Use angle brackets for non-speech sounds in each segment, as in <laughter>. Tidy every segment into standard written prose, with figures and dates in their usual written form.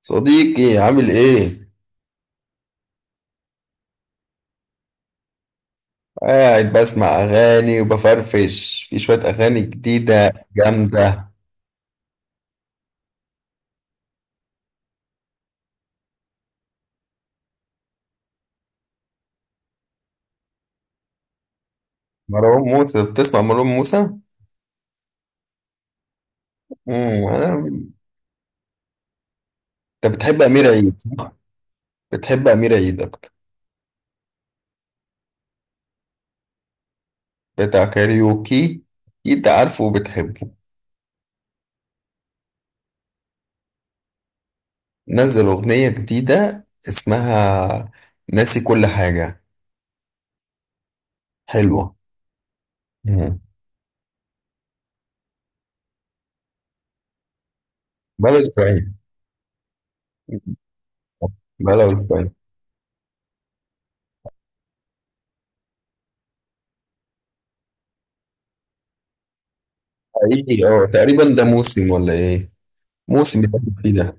صديقي عامل ايه؟ قاعد بسمع اغاني وبفرفش في شوية اغاني جديدة جامدة. مروان موسى، بتسمع مروان موسى؟ انا. انت بتحب امير عيد صح؟ بتحب امير عيد اكتر، بتاع كاريوكي، اكيد عارفه وبتحبه. نزل اغنية جديدة اسمها ناسي كل حاجة، حلوة. مم. بلا اسبوعين، بلا اسبوعين. حقيقي اه، تقريبا ده موسم ولا ايه؟ موسم بتاع فيه ده.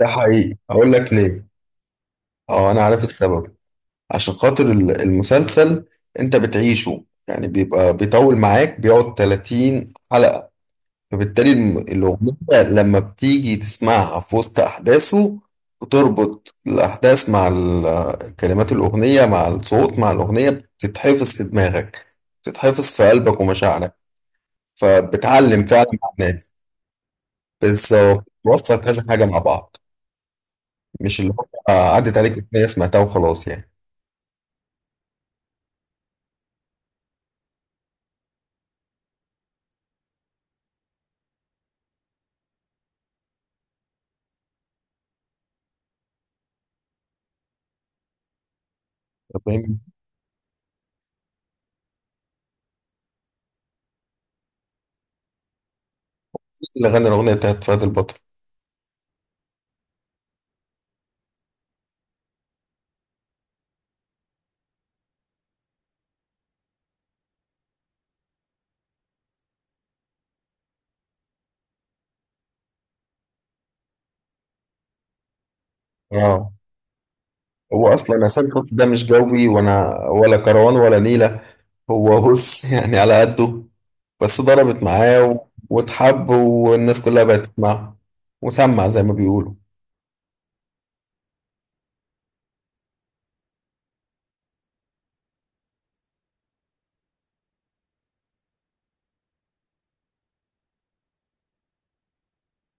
ده حقيقي هقول لك ليه، اه انا عارف السبب. عشان خاطر المسلسل، انت بتعيشه يعني، بيبقى بيطول معاك، بيقعد 30 حلقة، فبالتالي الأغنية لما بتيجي تسمعها في وسط أحداثه، بتربط الأحداث مع كلمات الأغنية مع الصوت مع الأغنية، بتتحفظ في دماغك، بتتحفظ في قلبك ومشاعرك، فبتعلم فعلا مع الناس. بس هو بتوصل كذا حاجة مع بعض، مش اللي هو عدت عليك أغنية سمعتها وخلاص يعني. فاهم اللي غنى الأغنية بتاعت فهد البطل؟ اه. هو أصلا حسين حط ده مش جوي، وأنا ولا كروان ولا نيلة. هو بص، <laughs> يعني على قده، بس ضربت معاه واتحب، والناس كلها بقت تسمعه وسمع زي ما بيقولوا.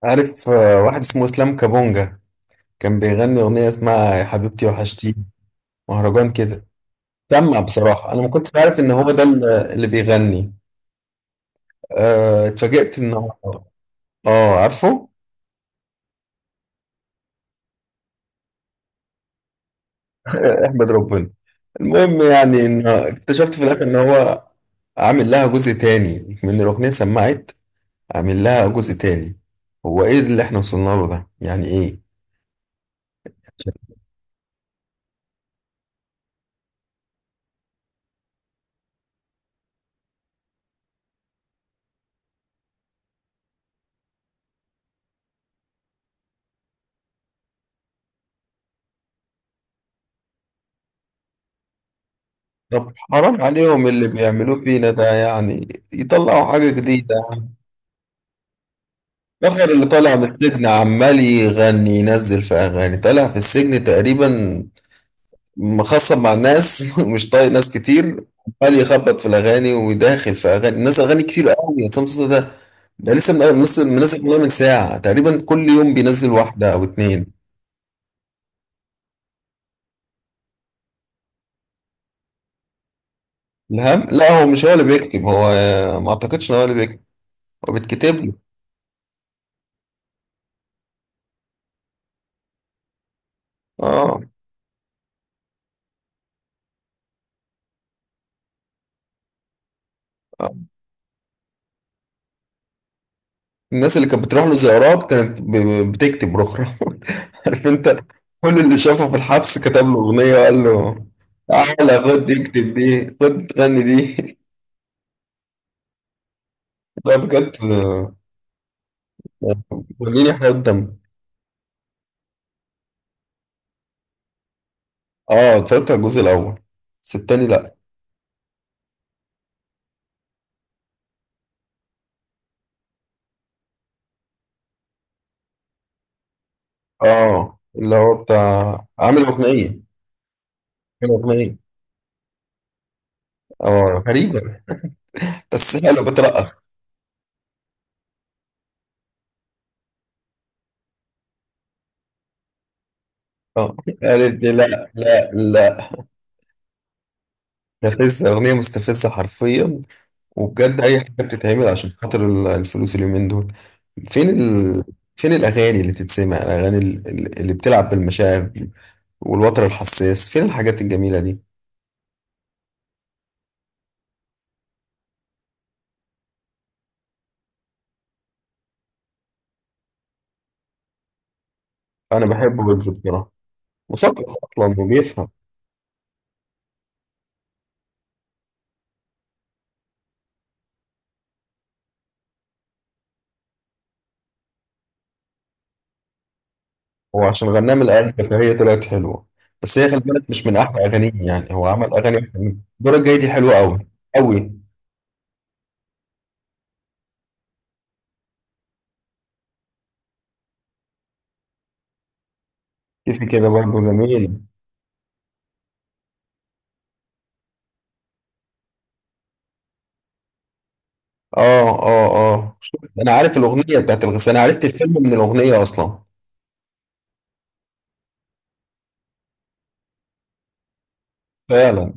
عارف آه، واحد اسمه إسلام كابونجا، كان بيغني أغنية اسمها يا حبيبتي وحشتيني، مهرجان كده. سمع، بصراحة أنا ما كنتش عارف إن هو ده اللي بيغني. آه، اتفاجئت إن هو. آه عارفه. احمد ربنا. المهم يعني، ان اكتشفت في الاخر ان هو عامل لها جزء تاني من الاغنيه، سمعت؟ عامل لها جزء تاني. هو ايه اللي احنا وصلنا له ده يعني ايه؟ طب حرام عليهم اللي بيعملوه فينا ده يعني، يطلعوا حاجه جديده. فخر اللي طالع من السجن عمال يغني، ينزل في اغاني، طالع في السجن تقريبا مخصب مع الناس <laughs> ومش طايق ناس كتير. عمال يخبط في الاغاني وداخل في اغاني الناس، اغاني كتير قوي. يا عصام صوصه ده، ده لسه منزل أغنية من ساعه تقريبا، كل يوم بينزل واحده او اتنين. الهم، لا هو مش هو اللي بيكتب، هو آه، ما اعتقدش ان هو اللي بيكتب، هو بيتكتب له. اه. آه. الناس اللي كانت بتروح له زيارات كانت بتكتب رخرة. <laughs> عارف انت، كل اللي شافه في الحبس كتب له اغنيه وقال له تعالى خد اكتب دي، خد غني دي. <laughs> ده بجد. قولي لي حاجات دم. اه اتفرجت على الجزء الاول، بس التاني لا. اه اللي هو بتاع، عامل اغنيه، عامل اغنيه. اه غريبة، بس حلو بترقص. اه قالت لي لا لا لا، مستفزة، اغنية مستفزة حرفيا. وبجد اي حاجة بتتعمل عشان خاطر الفلوس اليومين دول. فين فين الاغاني اللي تتسمع، الاغاني اللي بتلعب بالمشاعر والوتر الحساس، فين الحاجات الجميلة دي. انا بحب ويجز بصراحة، مثقف اصلا وبيفهم. هو عشان غنام الآلة. هي طلعت حلوة، بس هي خلي بالك مش من أحلى أغانيه، يعني هو عمل أغاني أحسن منه. الدورة الجاية دي حلوة أوي، أوي. كيفي كده برضه جميل. آه آه آه شوف، أنا عارف الأغنية بتاعت أنا عرفت الفيلم من الأغنية أصلا. فعلا.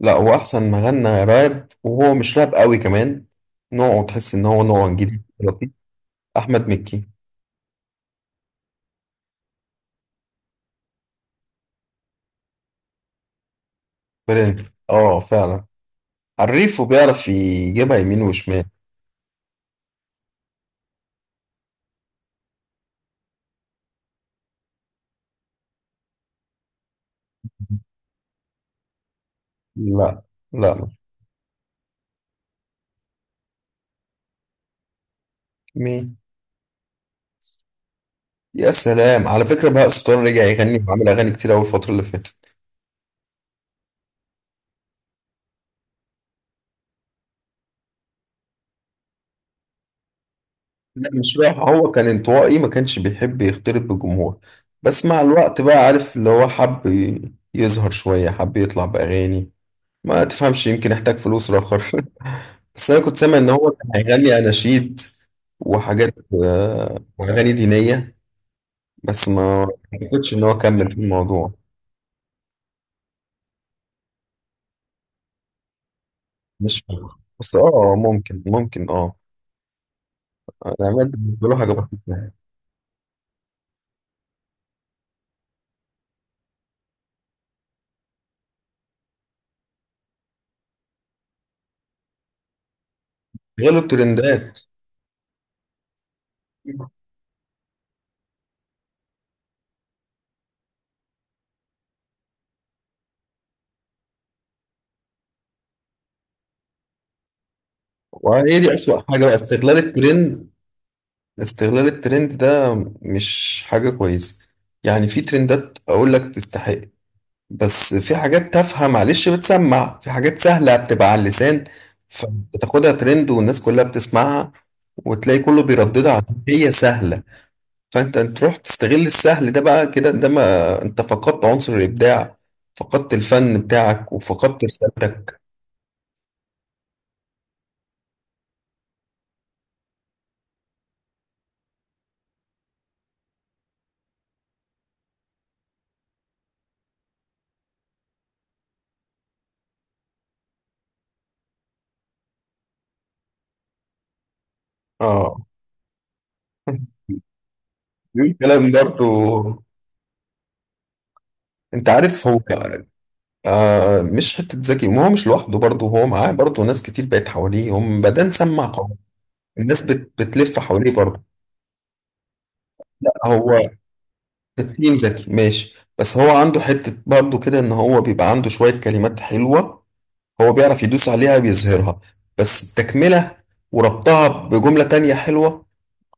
لا هو أحسن ما غنى راب، وهو مش راب أوي كمان، نوعه تحس إن هو نوع جديد لطيف. أحمد مكي، برنس آه فعلا، عريف وبيعرف يجيبها يمين وشمال. لا لا مين؟ يا سلام، على فكرة بهاء سلطان رجع يغني وعمل أغاني كتير أوي الفترة اللي فاتت. لا مش رايح، هو كان انطوائي ما كانش بيحب يختلط بالجمهور، بس مع الوقت بقى عارف اللي هو حب يظهر شوية، حب يطلع بأغاني، ما تفهمش يمكن احتاج فلوس رخر. <laughs> بس أنا كنت سامع إن هو كان هيغني أناشيد وحاجات، آه، وأغاني دينية. بس ما أعتقدش إن هو كمل في الموضوع. مش فاهم، بس اه ممكن ممكن اه. الأعمال بالنسبة له حاجة بسيطة. غير الترندات. وايه دي اسوأ حاجة بقى؟ استغلال الترند. استغلال الترند ده مش حاجة كويسة. يعني في ترندات اقول لك تستحق، بس في حاجات تافهة معلش، بتسمع في حاجات سهلة بتبقى على اللسان، فبتاخدها ترند والناس كلها بتسمعها، وتلاقي كله بيرددها عشان هي سهلة، فانت تروح تستغل السهل ده، بقى كده ده ما انت فقدت عنصر الابداع، فقدت الفن بتاعك وفقدت رسالتك. اه. <laughs> الكلام برضو، انت عارف هو، أيوة. آه مش حته ذكي، ما هو مش لوحده برضه، هو معاه برضه ناس كتير بقت حواليه، هم بدأ نسمع قوي. الناس بتلف حواليه برضه. لا، هو التيم ذكي ماشي، بس هو عنده حته برضه كده ان هو بيبقى عنده شويه كلمات حلوه، هو بيعرف يدوس عليها بيظهرها، بس التكمله وربطها بجمله تانية حلوه،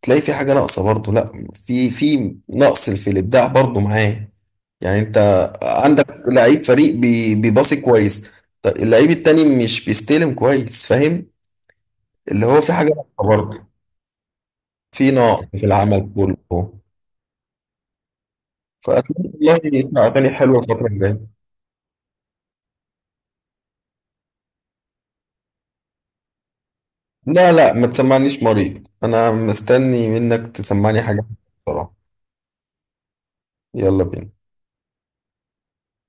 تلاقي في حاجه ناقصه برضه، لا في نقص في الابداع برضه معاه. يعني انت عندك لعيب فريق بيباصي كويس، طب اللعيب التاني مش بيستلم كويس، فاهم؟ اللي هو في حاجة ناقصة برضه، في نقص في العمل كله. فأتمنى والله يطلع أغاني حلوة الفترة الجاية. لا لا ما تسمعنيش مريض، أنا مستني منك تسمعني حاجة بصراحة. يلا بينا.